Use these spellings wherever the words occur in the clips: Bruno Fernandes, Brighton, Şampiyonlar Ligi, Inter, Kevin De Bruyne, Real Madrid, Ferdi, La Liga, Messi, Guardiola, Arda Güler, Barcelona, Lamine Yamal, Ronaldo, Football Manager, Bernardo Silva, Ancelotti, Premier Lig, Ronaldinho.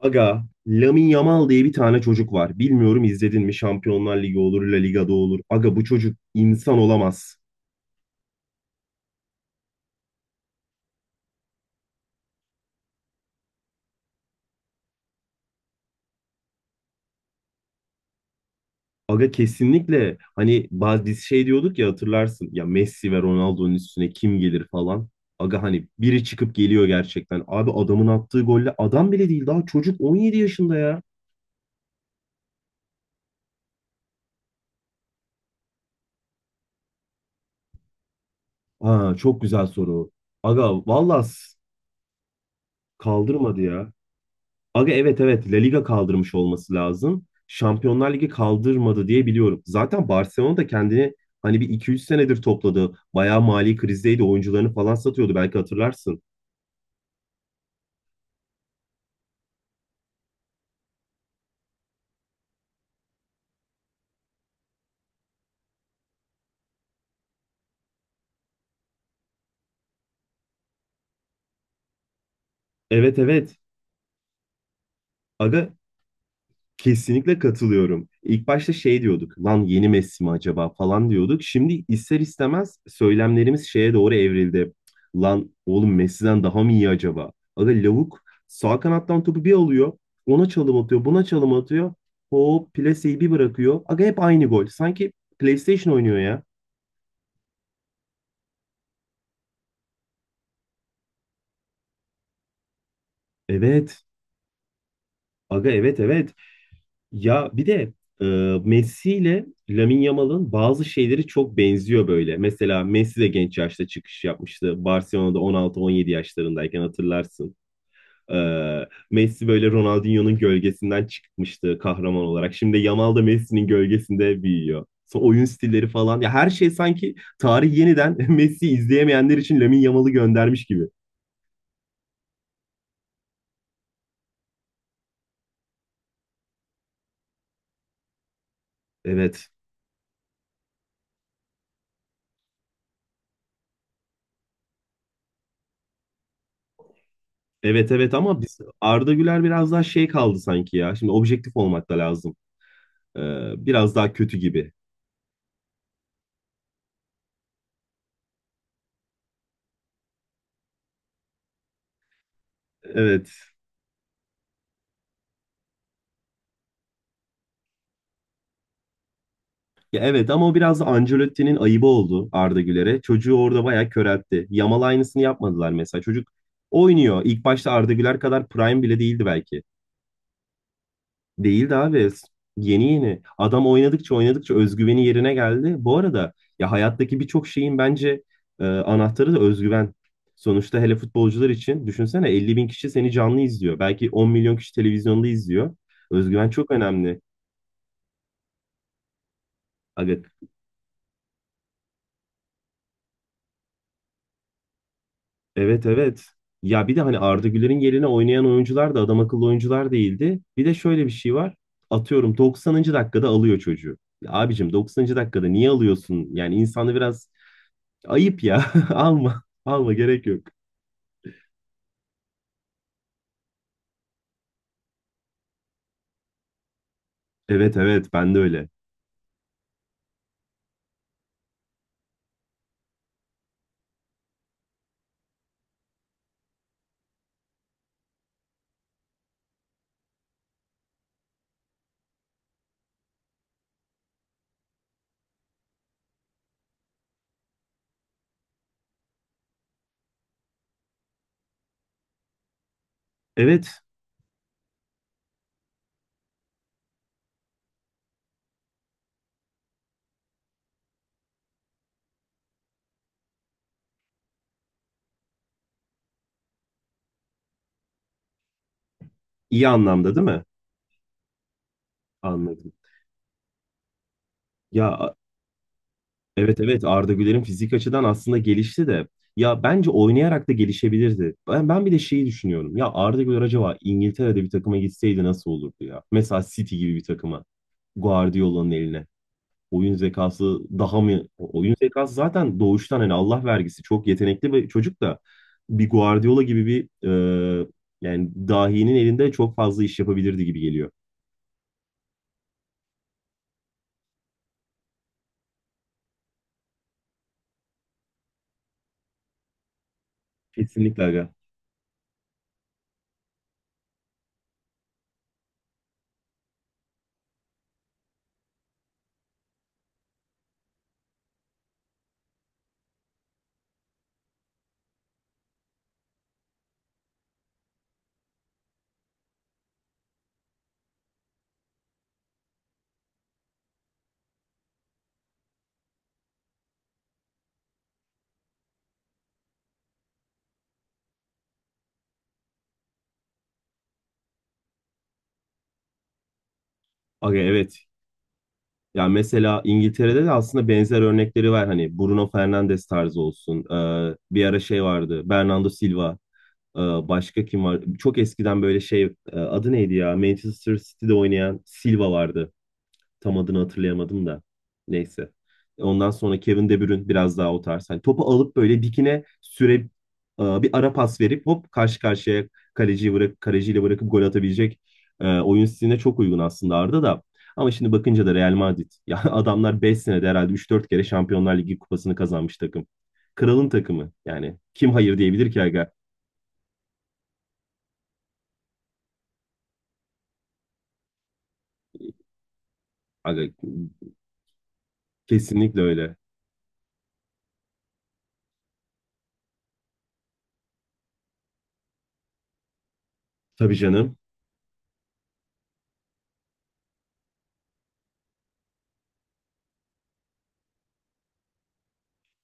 Aga, Lamine Yamal diye bir tane çocuk var. Bilmiyorum izledin mi? Şampiyonlar Ligi olur, La Liga'da olur. Aga, bu çocuk insan olamaz. Aga, kesinlikle. Hani bazı biz şey diyorduk ya, hatırlarsın. Ya Messi ve Ronaldo'nun üstüne kim gelir falan. Aga, hani biri çıkıp geliyor gerçekten. Abi, adamın attığı golle adam bile değil, daha çocuk, 17 yaşında ya. Ha, çok güzel soru. Aga, vallahi kaldırmadı ya. Aga, evet, evet, La Liga kaldırmış olması lazım. Şampiyonlar Ligi kaldırmadı diye biliyorum. Zaten Barcelona da kendini hani bir iki 3 senedir topladı. Bayağı mali krizdeydi. Oyuncularını falan satıyordu, belki hatırlarsın. Evet, evet. Aga, kesinlikle katılıyorum. İlk başta şey diyorduk, lan yeni Messi mi acaba falan diyorduk. Şimdi ister istemez söylemlerimiz şeye doğru evrildi. Lan oğlum, Messi'den daha mı iyi acaba? Aga, lavuk sağ kanattan topu bir alıyor, ona çalım atıyor, buna çalım atıyor. Hop plaseyi bir bırakıyor. Aga, hep aynı gol. Sanki PlayStation oynuyor ya. Evet. Aga, evet, evet. Ya bir de e, Messi ile Lamine Yamal'ın bazı şeyleri çok benziyor böyle. Mesela Messi de genç yaşta çıkış yapmıştı. Barcelona'da 16-17 yaşlarındayken hatırlarsın. E, Messi böyle Ronaldinho'nun gölgesinden çıkmıştı kahraman olarak. Şimdi Yamal da Messi'nin gölgesinde büyüyor. Sonra oyun stilleri falan. Ya her şey sanki tarih yeniden Messi'yi izleyemeyenler için Lamine Yamal'ı göndermiş gibi. Evet. Evet, evet, ama biz Arda Güler biraz daha şey kaldı sanki ya. Şimdi objektif olmak da lazım. Biraz daha kötü gibi. Evet. Ya evet, ama o biraz da Ancelotti'nin ayıbı oldu Arda Güler'e. Çocuğu orada bayağı köreltti. Yamal aynısını yapmadılar mesela. Çocuk oynuyor. İlk başta Arda Güler kadar prime bile değildi belki. Değildi abi. Yeni yeni. Adam oynadıkça oynadıkça özgüveni yerine geldi. Bu arada ya, hayattaki birçok şeyin bence anahtarı da özgüven. Sonuçta, hele futbolcular için, düşünsene, 50.000 kişi seni canlı izliyor. Belki 10.000.000 kişi televizyonda izliyor. Özgüven çok önemli. Aga, evet, evet. Ya bir de hani Arda Güler'in yerine oynayan oyuncular da adam akıllı oyuncular değildi. Bir de şöyle bir şey var. Atıyorum, 90. dakikada alıyor çocuğu. Ya abicim, 90. dakikada niye alıyorsun? Yani insanı biraz. Ayıp ya. Alma. Alma, gerek yok. Evet, evet, ben de öyle. Evet, iyi anlamda değil mi? Anladım. Ya a- evet, evet, Arda Güler'in fizik açıdan aslında gelişti de ya, bence oynayarak da gelişebilirdi. Ben bir de şeyi düşünüyorum. Ya Arda Güler acaba İngiltere'de bir takıma gitseydi nasıl olurdu ya? Mesela City gibi bir takıma. Guardiola'nın eline. Oyun zekası daha mı? Oyun zekası zaten doğuştan, hani Allah vergisi, çok yetenekli bir çocuk da bir Guardiola gibi bir e, yani dahinin elinde çok fazla iş yapabilirdi gibi geliyor. Kesinlikle aga. Aga, evet. Ya mesela İngiltere'de de aslında benzer örnekleri var. Hani Bruno Fernandes tarzı olsun. E, bir ara şey vardı. Bernardo Silva. E, başka kim var? Çok eskiden böyle şey adı neydi ya? Manchester City'de oynayan Silva vardı. Tam adını hatırlayamadım da. Neyse. Ondan sonra Kevin De Bruyne biraz daha o tarz. Hani topu alıp böyle dikine süre bir ara pas verip hop karşı karşıya, kaleciyi bırak, kaleciyle bırakıp gol atabilecek oyun stiline çok uygun aslında Arda da. Ama şimdi bakınca da Real Madrid. Ya adamlar 5 senede herhalde üç dört kere Şampiyonlar Ligi kupasını kazanmış takım. Kralın takımı yani. Kim hayır diyebilir ki aga? Aga, kesinlikle öyle. Tabii canım.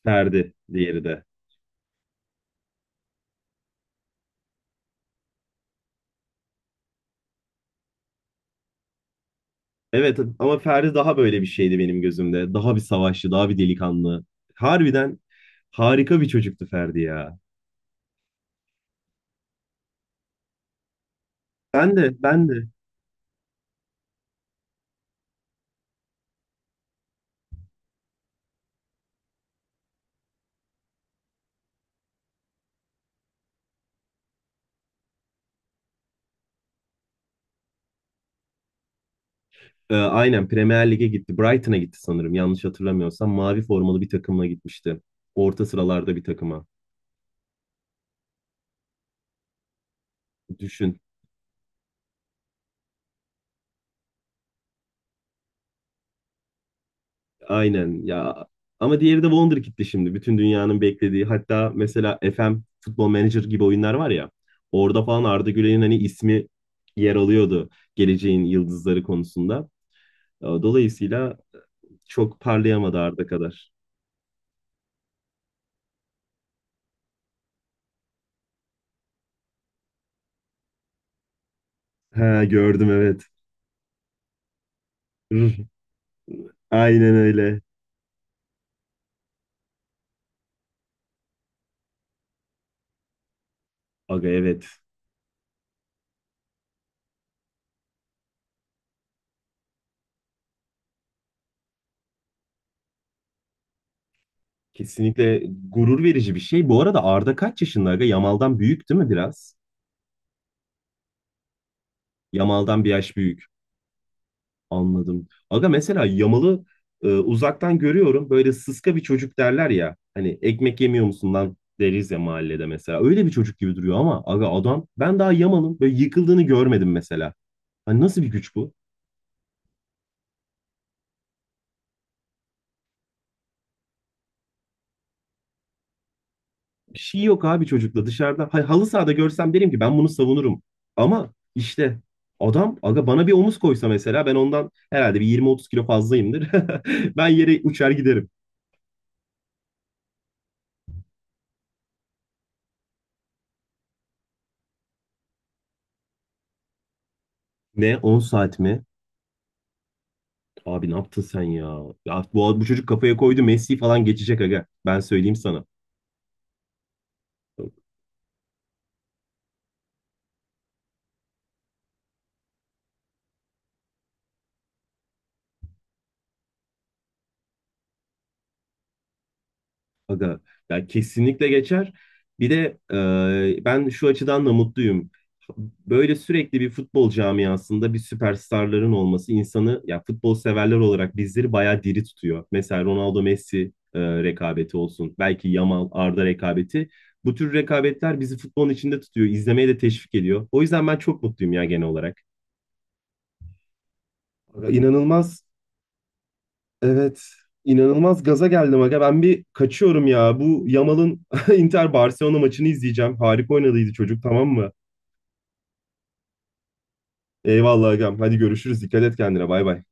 Ferdi, diğeri de. Evet, ama Ferdi daha böyle bir şeydi benim gözümde. Daha bir savaşçı, daha bir delikanlı. Harbiden harika bir çocuktu Ferdi ya. Ben de. E, aynen Premier Lig'e gitti. Brighton'a gitti sanırım, yanlış hatırlamıyorsam. Mavi formalı bir takımla gitmişti. Orta sıralarda bir takıma. Düşün. Aynen ya. Ama diğeri de Wonderkid'ti şimdi. Bütün dünyanın beklediği. Hatta mesela FM, Football Manager gibi oyunlar var ya. Orada falan Arda Güler'in hani ismi yer alıyordu geleceğin yıldızları konusunda. E, dolayısıyla çok parlayamadı Arda kadar. Ha, gördüm, evet. Rrr, aynen öyle. Aga, evet. Kesinlikle gurur verici bir şey. Bu arada Arda kaç yaşında aga? Yamal'dan büyük değil mi biraz? Yamal'dan bir yaş büyük. Anladım. Aga, mesela Yamal'ı uzaktan görüyorum. Böyle sıska bir çocuk derler ya. Hani ekmek yemiyor musun lan deriz ya mahallede, mesela. Öyle bir çocuk gibi duruyor ama aga, adam, ben daha Yamal'ın böyle yıkıldığını görmedim mesela. Hani nasıl bir güç bu? Bir şey yok abi çocukla dışarıda. Hay, halı sahada görsem derim ki ben bunu savunurum. Ama işte adam, aga, bana bir omuz koysa mesela, ben ondan herhalde bir 20-30 kilo fazlayımdır. Ben yere uçar giderim. Ne, 10 saat mi? Abi, ne yaptın sen ya? Ya bu çocuk kafaya koydu, Messi falan geçecek aga. Ben söyleyeyim sana. Aga, ya kesinlikle geçer. Bir de ben şu açıdan da mutluyum. Böyle sürekli bir futbol camiasında bir süperstarların olması insanı, ya futbol severler olarak bizleri bayağı diri tutuyor. Mesela Ronaldo Messi rekabeti olsun. Belki Yamal Arda rekabeti. Bu tür rekabetler bizi futbolun içinde tutuyor, izlemeye de teşvik ediyor. O yüzden ben çok mutluyum ya, genel olarak. Aga, İnanılmaz Evet. inanılmaz gaza geldim aga. Ben bir kaçıyorum ya. Bu Yamal'ın Inter Barcelona maçını izleyeceğim. Harika oynadıydı çocuk, tamam mı? Eyvallah agam. Hadi görüşürüz. Dikkat et kendine. Bay bay.